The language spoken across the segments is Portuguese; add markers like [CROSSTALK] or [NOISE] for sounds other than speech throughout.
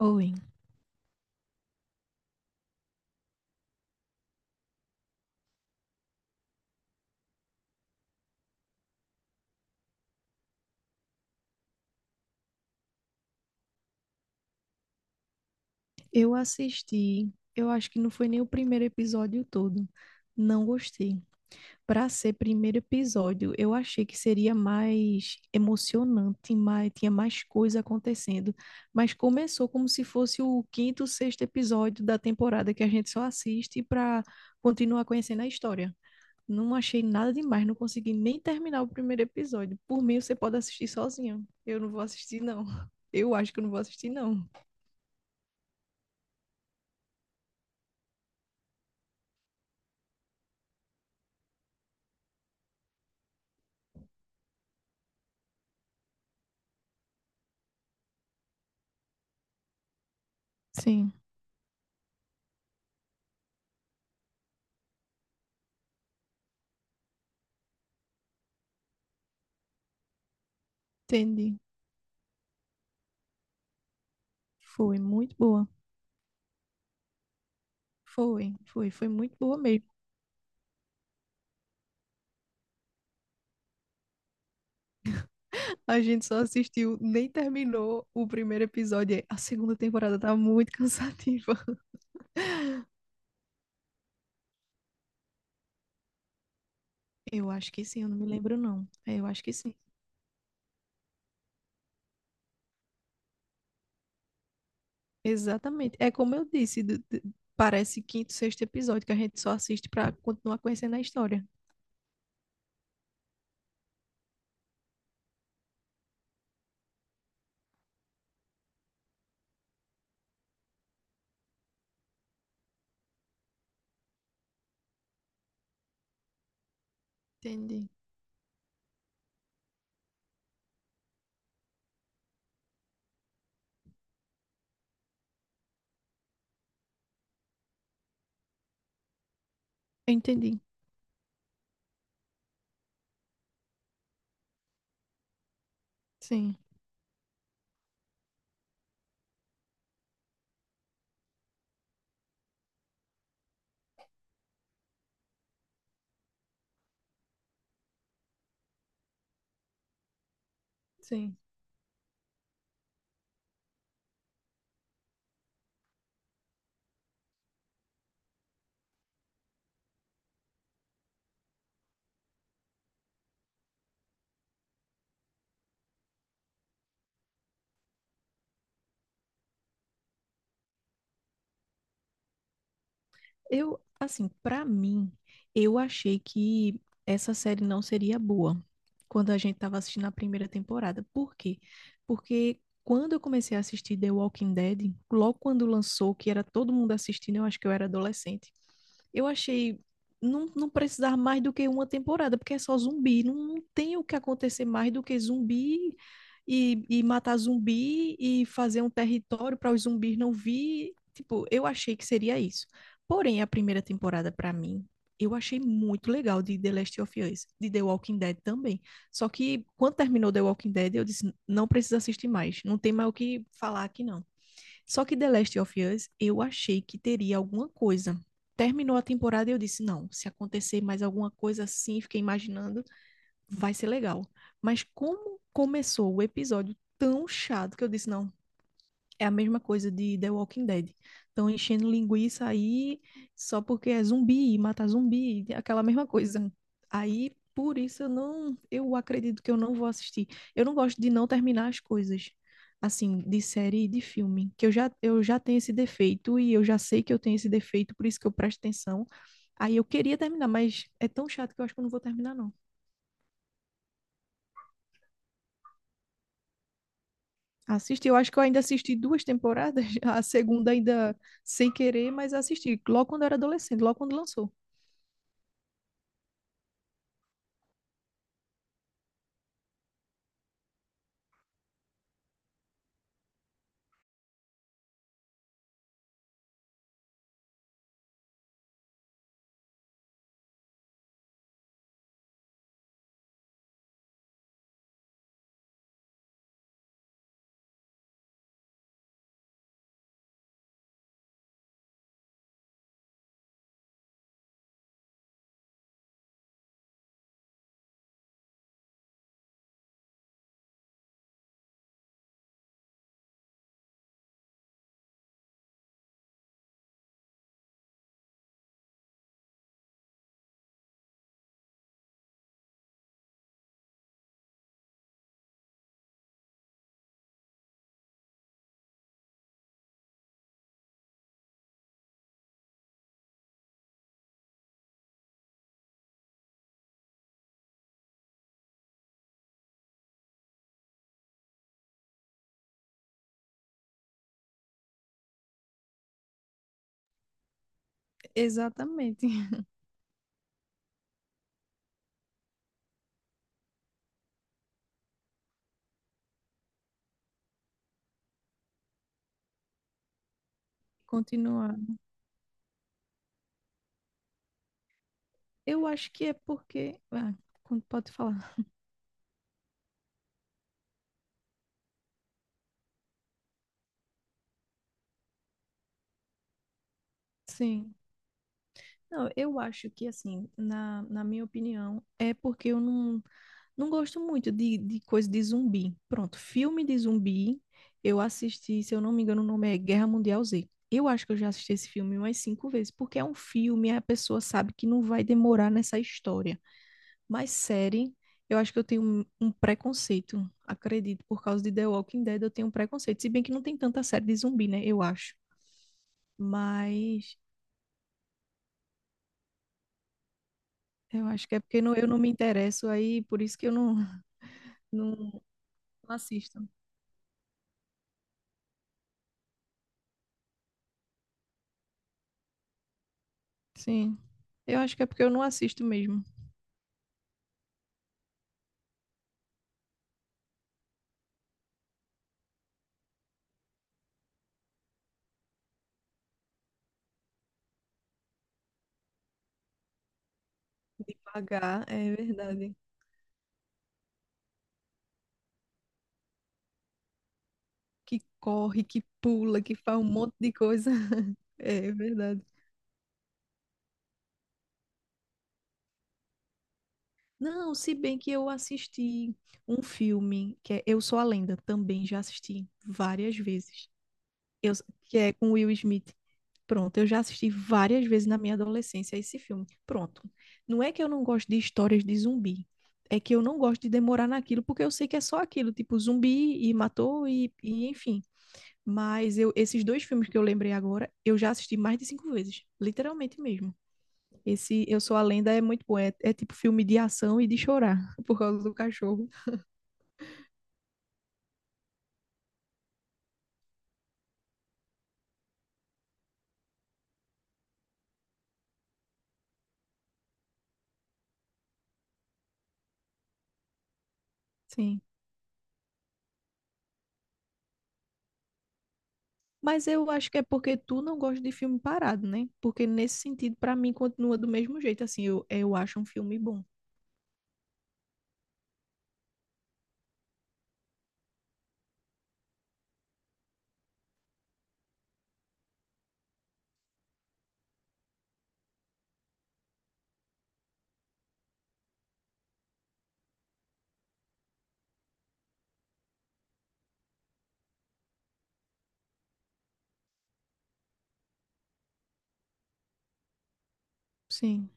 Owen, eu assisti, eu acho que não foi nem o primeiro episódio todo. Não gostei. Para ser primeiro episódio, eu achei que seria mais emocionante, tinha mais coisa acontecendo. Mas começou como se fosse o quinto, sexto episódio da temporada que a gente só assiste para continuar conhecendo a história. Não achei nada demais, não consegui nem terminar o primeiro episódio. Por mim, você pode assistir sozinho. Eu não vou assistir, não. Eu acho que eu não vou assistir, não. Sim, entendi. Foi muito boa. Foi, muito boa mesmo. A gente só assistiu, nem terminou o primeiro episódio. A segunda temporada tá muito [LAUGHS] cansativa. Eu acho que sim, eu não me lembro não. É, eu acho que sim. Exatamente. É como eu disse, parece quinto, sexto episódio que a gente só assiste pra continuar conhecendo a história. Entendi. Entendi. Sim, sim. Pra mim, eu achei que essa série não seria boa quando a gente tava assistindo a primeira temporada. Por quê? Porque quando eu comecei a assistir The Walking Dead, logo quando lançou, que era todo mundo assistindo, eu acho que eu era adolescente eu achei não precisar mais do que uma temporada, porque é só zumbi. Não, não tem o que acontecer mais do que zumbi e matar zumbi e fazer um território para os zumbis não vir. Tipo, eu achei que seria isso. Porém, a primeira temporada, para mim, eu achei muito legal de The Last of Us, de The Walking Dead também. Só que quando terminou The Walking Dead, eu disse, não precisa assistir mais. Não tem mais o que falar aqui, não. Só que The Last of Us, eu achei que teria alguma coisa. Terminou a temporada e eu disse, não, se acontecer mais alguma coisa assim, fiquei imaginando, vai ser legal. Mas como começou o episódio tão chato que eu disse, não, é a mesma coisa de The Walking Dead. Estão enchendo linguiça aí só porque é zumbi, mata zumbi, aquela mesma coisa. Aí, por isso, eu acredito que eu não vou assistir. Eu não gosto de não terminar as coisas, assim, de série e de filme, que eu já tenho esse defeito e eu já sei que eu tenho esse defeito, por isso que eu presto atenção. Aí eu queria terminar, mas é tão chato que eu acho que eu não vou terminar, não. Assisti, eu acho que eu ainda assisti duas temporadas, [LAUGHS] a segunda ainda sem querer, mas assisti logo quando eu era adolescente, logo quando lançou. Exatamente. [LAUGHS] Continuar. Eu acho que é porque. Ah, pode falar. Sim. Não, eu acho que, assim, na minha opinião, é porque eu não, não gosto muito de coisa de zumbi. Pronto, filme de zumbi, eu assisti, se eu não me engano, o nome é Guerra Mundial Z. Eu acho que eu já assisti esse filme umas cinco vezes, porque é um filme, a pessoa sabe que não vai demorar nessa história. Mas série, eu acho que eu tenho um preconceito, acredito, por causa de The Walking Dead, eu tenho um preconceito. Se bem que não tem tanta série de zumbi, né? Eu acho. Mas eu acho que é porque não, eu não me interesso aí, por isso que eu não, [LAUGHS] não assisto. Sim, eu acho que é porque eu não assisto mesmo. De pagar, é verdade. Que corre, que pula, que faz um monte de coisa. [LAUGHS] É verdade. Não, se bem que eu assisti um filme que é Eu Sou a Lenda, também já assisti várias vezes. Eu, que é com Will Smith. Pronto, eu já assisti várias vezes na minha adolescência esse filme. Pronto. Não é que eu não gosto de histórias de zumbi. É que eu não gosto de demorar naquilo, porque eu sei que é só aquilo, tipo zumbi e matou e enfim. Mas eu, esses dois filmes que eu lembrei agora, eu já assisti mais de cinco vezes. Literalmente mesmo. Esse Eu Sou a Lenda é muito bom. É tipo filme de ação e de chorar [LAUGHS] por causa do cachorro. Sim. Mas eu acho que é porque tu não gosta de filme parado, né? Porque nesse sentido, pra mim, continua do mesmo jeito. Assim, eu acho um filme bom. Sim.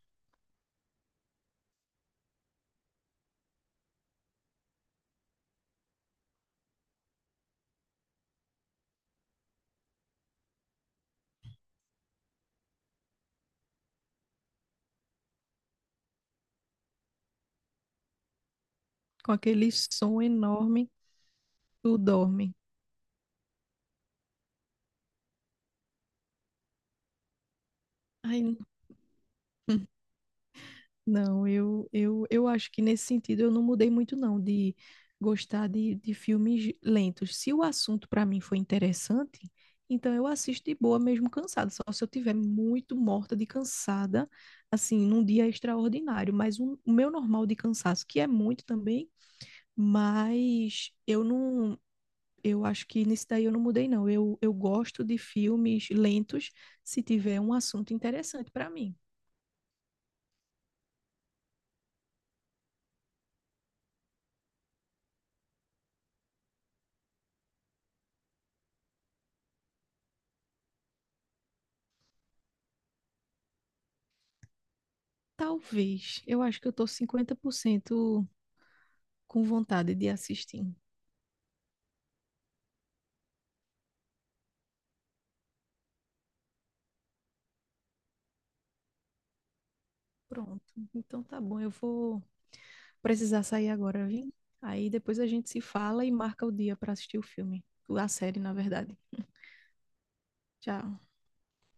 Com aquele som enorme, tu dorme. Ai, [LAUGHS] não, eu acho que nesse sentido eu não mudei muito, não, de gostar de filmes lentos. Se o assunto pra mim foi interessante, então eu assisto de boa, mesmo cansada. Só se eu tiver muito morta de cansada, assim, num dia extraordinário. Mas o meu normal de cansaço, que é muito também. Mas eu não, eu acho que nisso daí eu não mudei, não. Eu gosto de filmes lentos se tiver um assunto interessante para mim. Talvez. Eu acho que eu tô 50% com vontade de assistir. Pronto. Então tá bom, eu vou precisar sair agora, viu? Aí depois a gente se fala e marca o dia para assistir o filme, a série, na verdade. Tchau.